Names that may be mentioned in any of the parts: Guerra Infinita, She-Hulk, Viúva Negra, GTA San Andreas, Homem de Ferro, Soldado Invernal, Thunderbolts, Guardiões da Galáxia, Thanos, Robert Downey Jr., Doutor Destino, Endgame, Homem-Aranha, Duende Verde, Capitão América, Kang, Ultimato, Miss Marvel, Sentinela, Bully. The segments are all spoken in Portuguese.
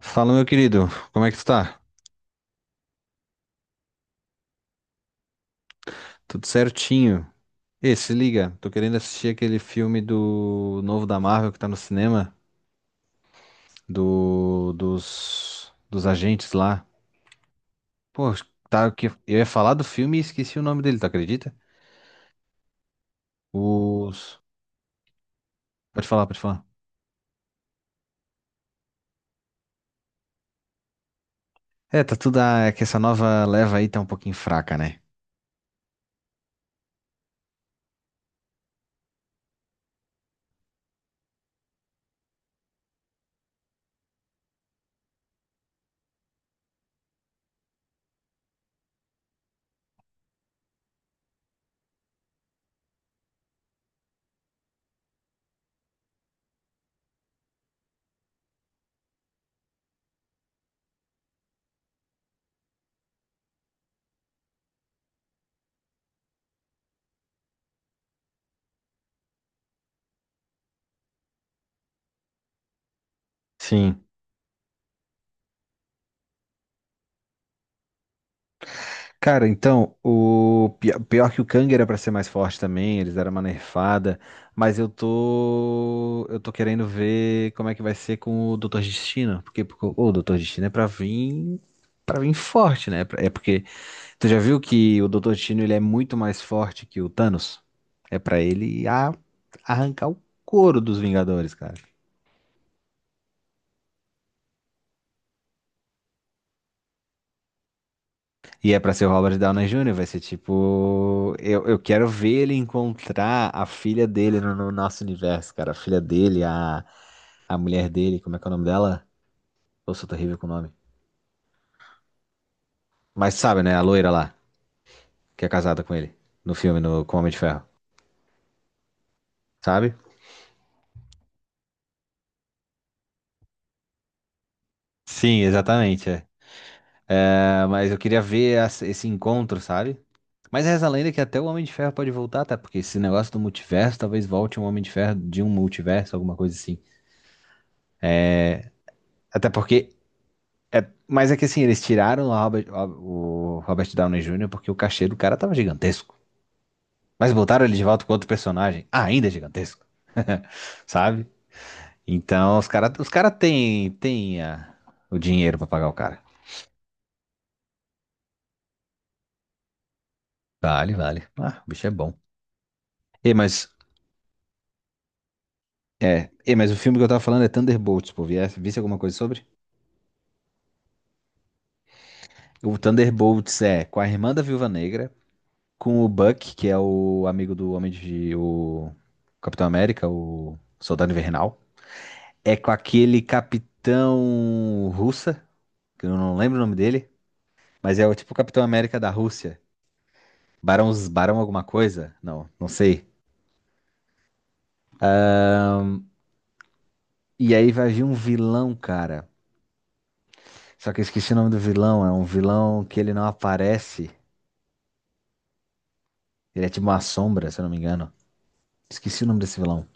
Fala, meu querido, como é que tu tá? Tudo certinho? Ê, se liga, tô querendo assistir aquele filme do novo da Marvel que tá no cinema, do dos agentes lá. Pô, tá, que eu ia falar do filme e esqueci o nome dele, tu acredita? Os... Pode falar, pode falar. É, tá tudo... É que essa nova leva aí tá um pouquinho fraca, né? Sim. Cara, então, o pior que o Kang era pra ser mais forte também, eles deram uma nerfada, mas eu tô querendo ver como é que vai ser com o Doutor Destino, porque o Doutor Destino é pra vir para vir forte, né? É porque tu já viu que o Doutor Destino ele é muito mais forte que o Thanos? É pra ele arrancar o couro dos Vingadores, cara. E é pra ser o Robert Downey Jr., vai ser tipo. Eu quero ver ele encontrar a filha dele no nosso universo, cara. A filha dele, a mulher dele, como é que é o nome dela? Eu sou terrível com o nome. Mas sabe, né? A loira lá, que é casada com ele, no filme, no, com o Homem de Ferro, sabe? Sim, exatamente. É. Ah, mas eu queria ver esse encontro, sabe? Mas reza a lenda que até o Homem de Ferro pode voltar, tá? Porque esse negócio do multiverso, talvez volte um Homem de Ferro de um multiverso, alguma coisa assim. Até porque... Mas é que assim, eles tiraram o Robert Downey Jr. porque o cachê do cara tava gigantesco. Mas botaram ele de volta com outro personagem, ainda é gigantesco. Sabe? Então os caras os cara têm têm tem, ah, o dinheiro pra pagar o cara. Vale, vale. Ah, o bicho é bom. E, mas, mas o filme que eu tava falando é Thunderbolts, pô. Visse alguma coisa sobre? O Thunderbolts é com a irmã da Viúva Negra, com o Buck, que é o amigo do Homem de. O Capitão América, o Soldado Invernal. É com aquele capitão russa, que eu não lembro o nome dele, mas é o tipo Capitão América da Rússia. Barão, Barão alguma coisa? Não, não sei. E aí vai vir um vilão, cara. Só que eu esqueci o nome do vilão. É um vilão que ele não aparece. Ele é tipo uma sombra, se eu não me engano. Esqueci o nome desse vilão.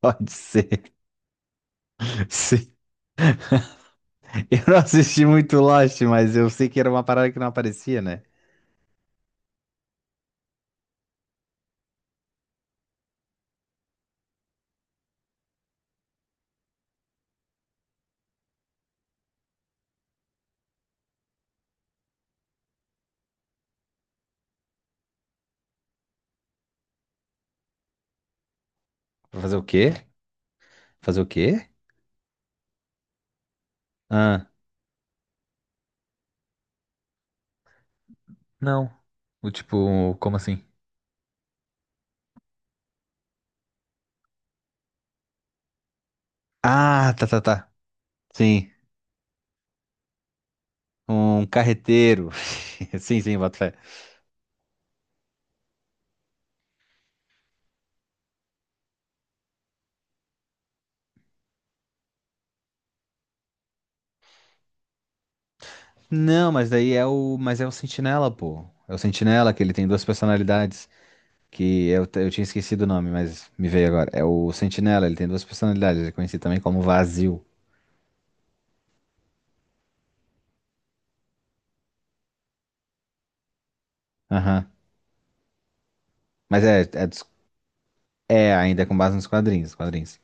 Pode ser. Sim. Eu não assisti muito Lost, mas eu sei que era uma parada que não aparecia, né? Pra fazer o quê? Fazer o quê? Ah, não. O tipo, como assim? Ah, tá, tá, tá. Sim, um carreteiro. Sim, sim, boto fé. Não, mas daí é o, mas é o Sentinela, pô. É o Sentinela que ele tem duas personalidades, que eu, eu tinha esquecido o nome, mas me veio agora. É o Sentinela, ele tem duas personalidades, ele é conhecido também como Vazio. Aham. Mas é, é, é ainda é com base nos quadrinhos, quadrinhos.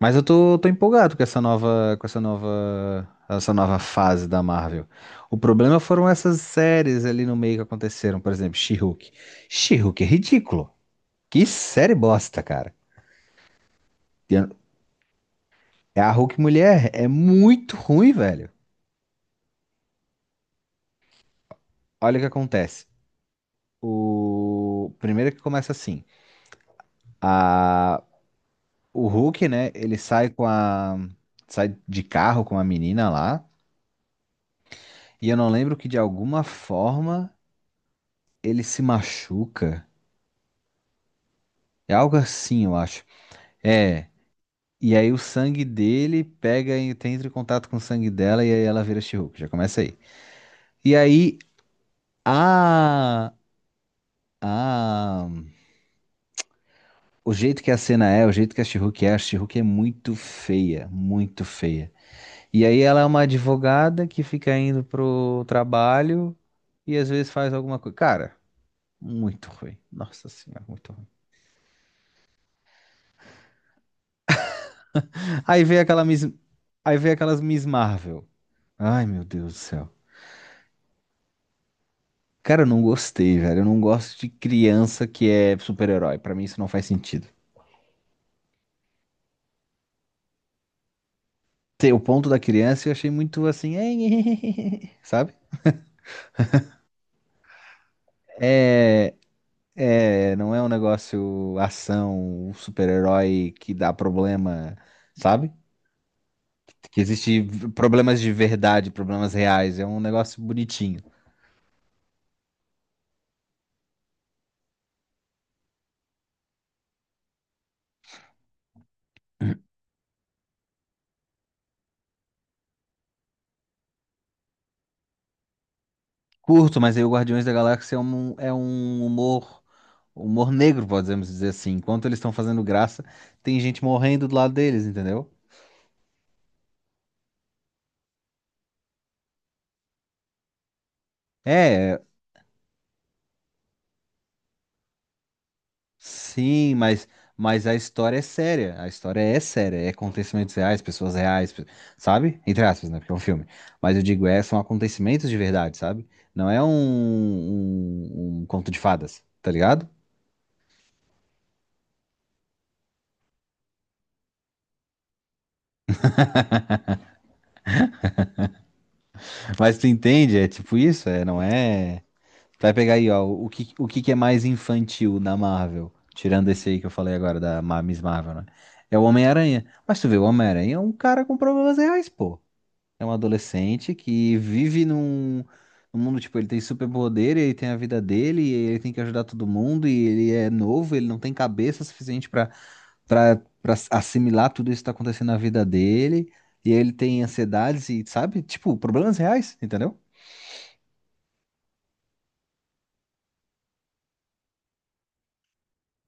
Mas eu tô empolgado com essa nova fase da Marvel. O problema foram essas séries ali no meio que aconteceram, por exemplo, She-Hulk. She-Hulk é ridículo. Que série bosta, cara. É a Hulk mulher é muito ruim, velho. Olha o que acontece. O primeiro que começa assim, a o Hulk, né, ele sai com a sai de carro com a menina lá, e eu não lembro que de alguma forma ele se machuca. É algo assim, eu acho. É. E aí o sangue dele pega e tem entra em contato com o sangue dela e aí ela vira She-Hulk. Já começa aí. E aí a a O jeito que a cena é, o jeito que a she é muito feia, muito feia. E aí ela é uma advogada que fica indo pro trabalho e às vezes faz alguma coisa. Cara, muito ruim. Nossa senhora, muito ruim. Aí vem aquela Miss... aí vem aquelas Miss Marvel. Ai, meu Deus do céu. Cara, eu não gostei, velho. Eu não gosto de criança que é super-herói. Pra mim isso não faz sentido. Ter o ponto da criança eu achei muito assim, sabe? É, é, não é um negócio ação, um super-herói que dá problema, sabe? Que existe problemas de verdade, problemas reais. É um negócio bonitinho. Curto, mas aí o Guardiões da Galáxia é é um humor, humor negro, podemos dizer assim. Enquanto eles estão fazendo graça, tem gente morrendo do lado deles, entendeu? É, sim, mas a história é séria. A história é séria. É acontecimentos reais, pessoas reais, sabe? Entre aspas, né? Porque é um filme. Mas eu digo, é, são acontecimentos de verdade, sabe? Não é um conto de fadas, tá ligado? Mas tu entende, é tipo isso, é, não é. Tu vai pegar aí, ó, o que que é mais infantil na Marvel, tirando esse aí que eu falei agora, da Miss Marvel, né? É o Homem-Aranha. Mas tu vê, o Homem-Aranha é um cara com problemas reais, pô. É um adolescente que vive num mundo, tipo, ele tem superpoder, ele tem a vida dele, e ele tem que ajudar todo mundo, e ele é novo, ele não tem cabeça suficiente pra para assimilar tudo isso que tá acontecendo na vida dele, e ele tem ansiedades e, sabe, tipo, problemas reais, entendeu?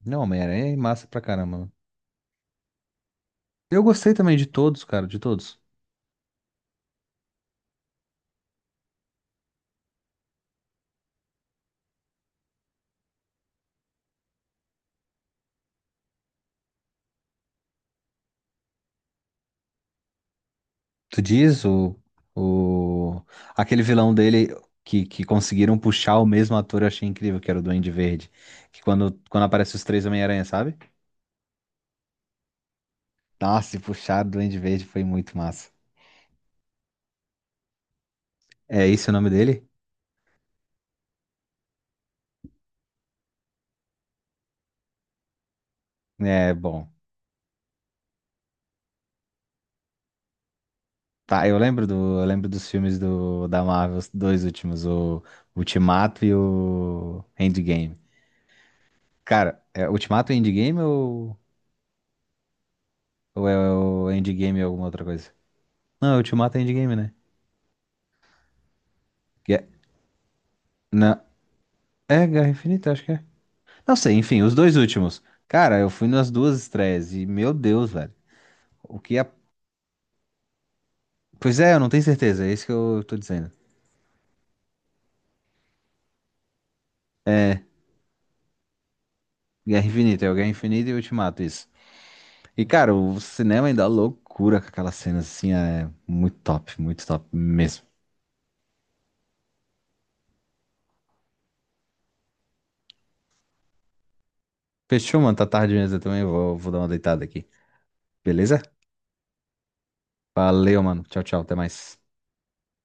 Não, Homem-Aranha é massa pra caramba. Eu gostei também de todos, cara, de todos. Tu diz o aquele vilão dele que conseguiram puxar o mesmo ator, eu achei incrível, que era o Duende Verde. Que quando aparece os três Homem-Aranha, sabe? Nossa, e puxar o Duende Verde foi muito massa. É esse o nome dele? É, bom. Tá, eu lembro dos filmes do, da Marvel, os dois últimos, o Ultimato e o Endgame. Cara, é Ultimato e Endgame ou é o Endgame e alguma outra coisa? Não, é Ultimato e Endgame, né? Que é- não, é Guerra Infinita, acho que é. Não sei, enfim, os dois últimos. Cara, eu fui nas duas estreias e, meu Deus, velho. O que é. Pois é, eu não tenho certeza, é isso que eu tô dizendo. Guerra Infinita, é o Guerra Infinita e Ultimato, isso. E, cara, o cinema ainda é loucura com aquelas cenas assim, é muito top mesmo. Fechou, mano, tá tarde mesmo, eu também vou dar uma deitada aqui. Beleza? Valeu, mano. Tchau, tchau, até mais.